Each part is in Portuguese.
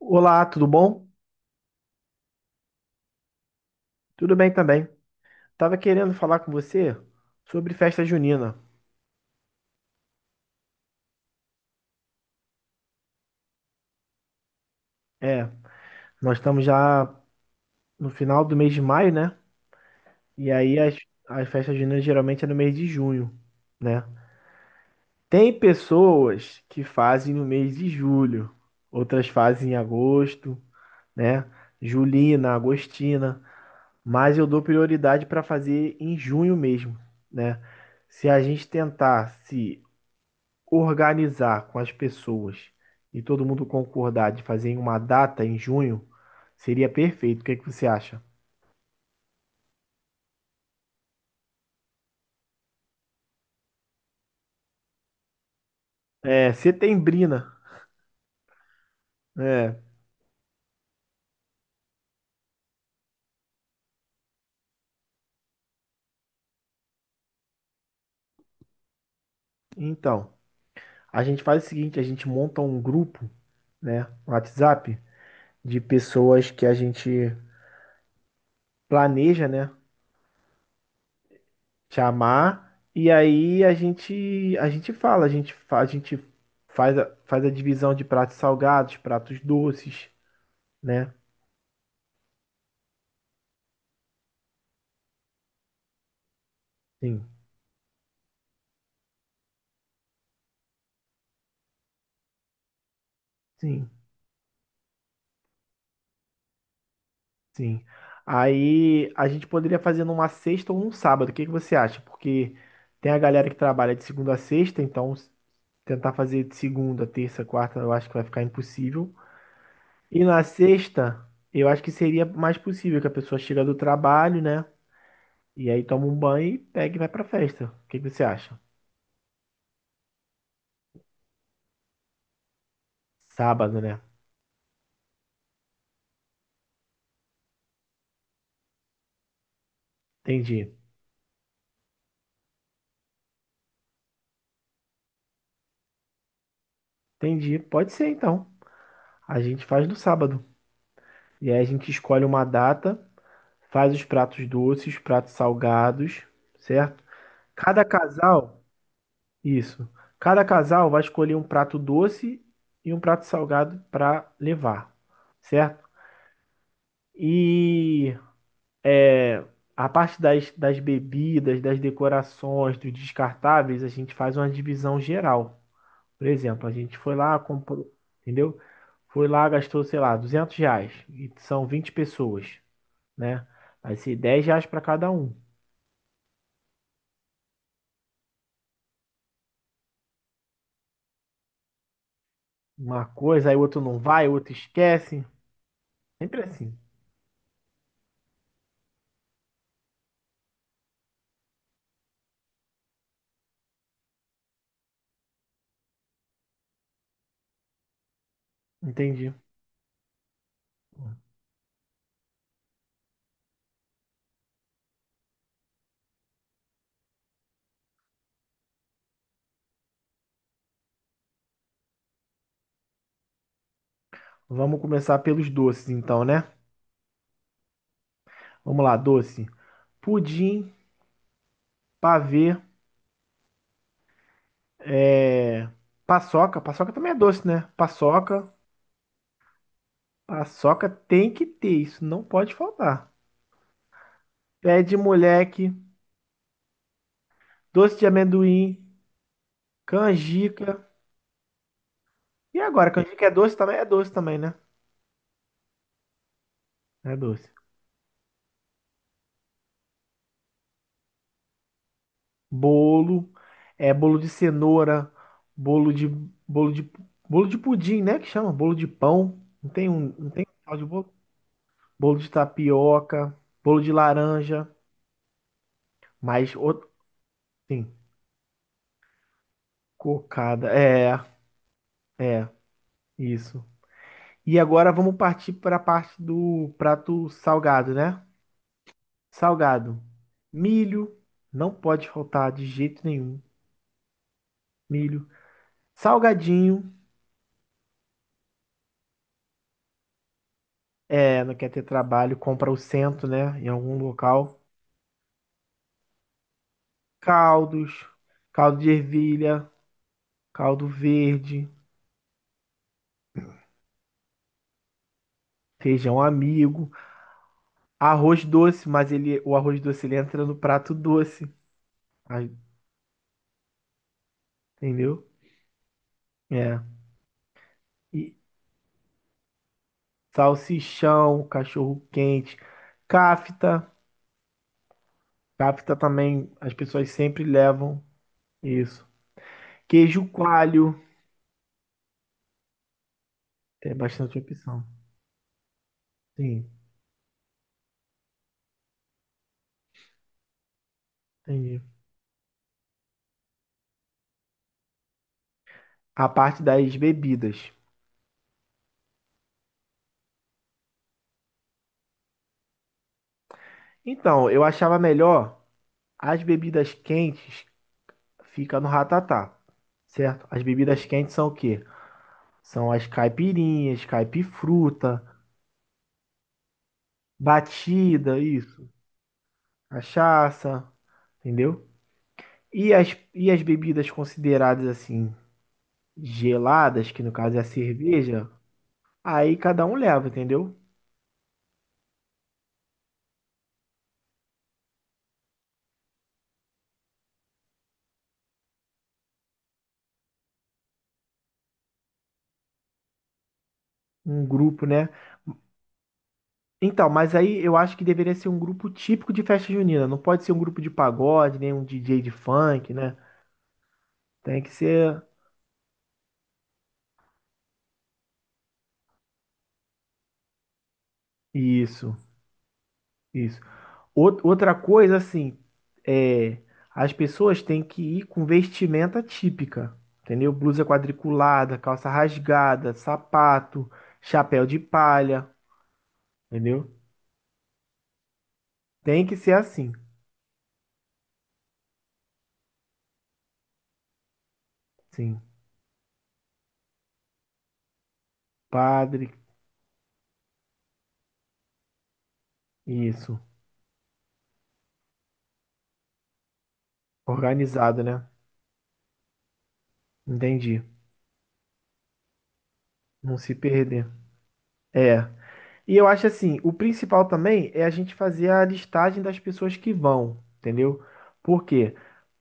Olá, tudo bom? Tudo bem também. Tava querendo falar com você sobre festa junina. É, nós estamos já no final do mês de maio, né? E aí as festas juninas geralmente é no mês de junho, né? Tem pessoas que fazem no mês de julho, outras fazem em agosto, né? Julina, agostina, mas eu dou prioridade para fazer em junho mesmo, né? Se a gente tentar se organizar com as pessoas e todo mundo concordar de fazer em uma data em junho, seria perfeito. O que é que você acha? É, setembrina. É, então, a gente faz o seguinte, a gente monta um grupo, né, no WhatsApp, de pessoas que a gente planeja, né, chamar, e aí a gente fala, a gente, a gente faz a, faz a divisão de pratos salgados, pratos doces, né? Sim, sim. Sim. Aí a gente poderia fazer numa sexta ou um sábado. O que que você acha? Porque tem a galera que trabalha de segunda a sexta, então tentar fazer de segunda, terça, quarta, eu acho que vai ficar impossível. E na sexta, eu acho que seria mais possível que a pessoa chega do trabalho, né? E aí toma um banho e pega e vai pra festa. O que que você acha? Sábado, né? Entendi. Entendi. Pode ser então. A gente faz no sábado. E aí a gente escolhe uma data, faz os pratos doces, pratos salgados, certo? Cada casal, isso. Cada casal vai escolher um prato doce e um prato salgado para levar, certo? E a parte das, das bebidas, das decorações, dos descartáveis, a gente faz uma divisão geral. Por exemplo, a gente foi lá, comprou, entendeu? Foi lá, gastou, sei lá, R$ 200. E são 20 pessoas, né? Vai ser R$ 10 para cada um. Uma coisa, aí o outro não vai, o outro esquece. Sempre assim. Entendi. Vamos começar pelos doces, então, né? Vamos lá, doce. Pudim, pavê, é, paçoca. Paçoca também é doce, né? Paçoca. Paçoca tem que ter, isso não pode faltar. Pé de moleque, doce de amendoim, canjica. E agora, canjica é doce também? É doce também, né? É doce. Bolo, é bolo de cenoura, bolo de bolo de bolo de pudim, né? Que chama bolo de pão. Não tem um tal de bolo. Bolo de tapioca, bolo de laranja. Mas, sim, cocada. É, é, isso. E agora vamos partir para a parte do prato salgado, né? Salgado. Milho, não pode faltar de jeito nenhum. Milho. Salgadinho, é, não quer ter trabalho, compra o cento né? Em algum local. Caldos, caldo de ervilha, caldo verde, feijão amigo, arroz doce, mas ele, o arroz doce ele entra no prato doce, aí, entendeu? É. E, salsichão, cachorro quente, cafta. Cafta também as pessoas sempre levam isso. Queijo coalho, tem bastante opção. Sim, entendi. A parte das bebidas. Então, eu achava melhor as bebidas quentes fica no ratatá, certo? As bebidas quentes são o quê? São as caipirinhas, caipifruta, batida, isso, cachaça, entendeu? E as, e as bebidas consideradas assim geladas, que no caso é a cerveja, aí cada um leva, entendeu? Um grupo, né? Então, mas aí eu acho que deveria ser um grupo típico de festa junina. Não pode ser um grupo de pagode, nem um DJ de funk, né? Tem que ser isso, isso. Outra coisa, assim, é, as pessoas têm que ir com vestimenta típica, entendeu? Blusa quadriculada, calça rasgada, sapato, chapéu de palha, entendeu? Tem que ser assim, sim. Padre, isso. Organizado, né? Entendi. Não se perder. É. E eu acho assim, o principal também é a gente fazer a listagem das pessoas que vão, entendeu? Por quê?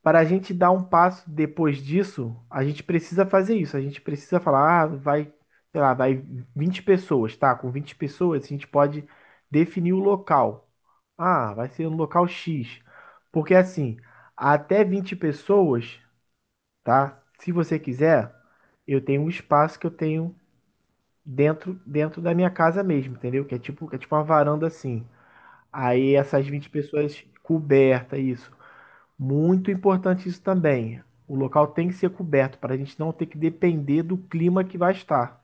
Para a gente dar um passo depois disso, a gente precisa fazer isso. A gente precisa falar, ah, vai, sei lá, vai 20 pessoas, tá? Com 20 pessoas, a gente pode definir o local. Ah, vai ser no local X. Porque assim, até 20 pessoas, tá? Se você quiser, eu tenho um espaço que eu tenho dentro da minha casa mesmo, entendeu? Que é tipo uma varanda assim. Aí essas 20 pessoas coberta isso. Muito importante isso também. O local tem que ser coberto para a gente não ter que depender do clima que vai estar,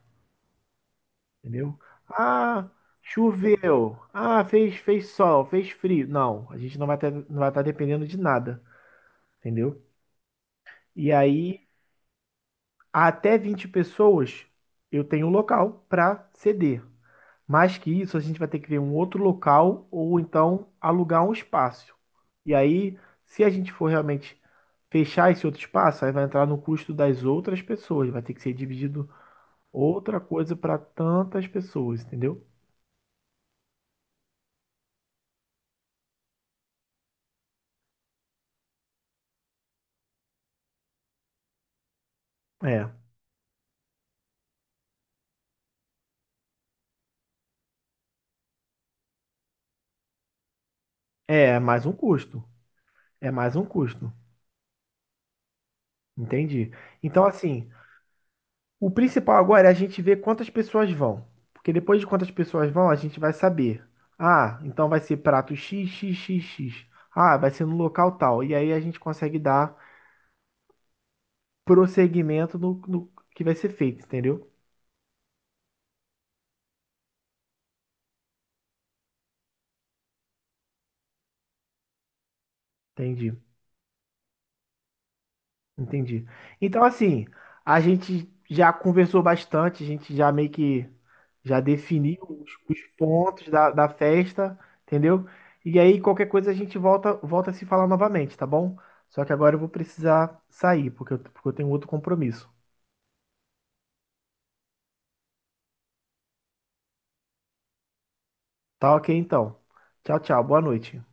entendeu? Ah, choveu. Ah, fez sol, fez frio. Não, a gente não vai ter, não vai estar dependendo de nada, entendeu? E aí até 20 pessoas eu tenho um local para ceder. Mais que isso, a gente vai ter que ver um outro local ou então alugar um espaço. E aí, se a gente for realmente fechar esse outro espaço, aí vai entrar no custo das outras pessoas. Vai ter que ser dividido outra coisa para tantas pessoas, entendeu? É, é mais um custo. É mais um custo. Entendi. Então, assim, o principal agora é a gente ver quantas pessoas vão. Porque depois de quantas pessoas vão, a gente vai saber. Ah, então vai ser prato X, X, X, X. Ah, vai ser no local tal. E aí a gente consegue dar prosseguimento no que vai ser feito, entendeu? Entendi. Entendi. Então, assim, a gente já conversou bastante, a gente já meio que já definiu os pontos da, da festa, entendeu? E aí, qualquer coisa, a gente volta, volta a se falar novamente, tá bom? Só que agora eu vou precisar sair, porque eu tenho outro compromisso. Tá ok, então. Tchau, tchau. Boa noite.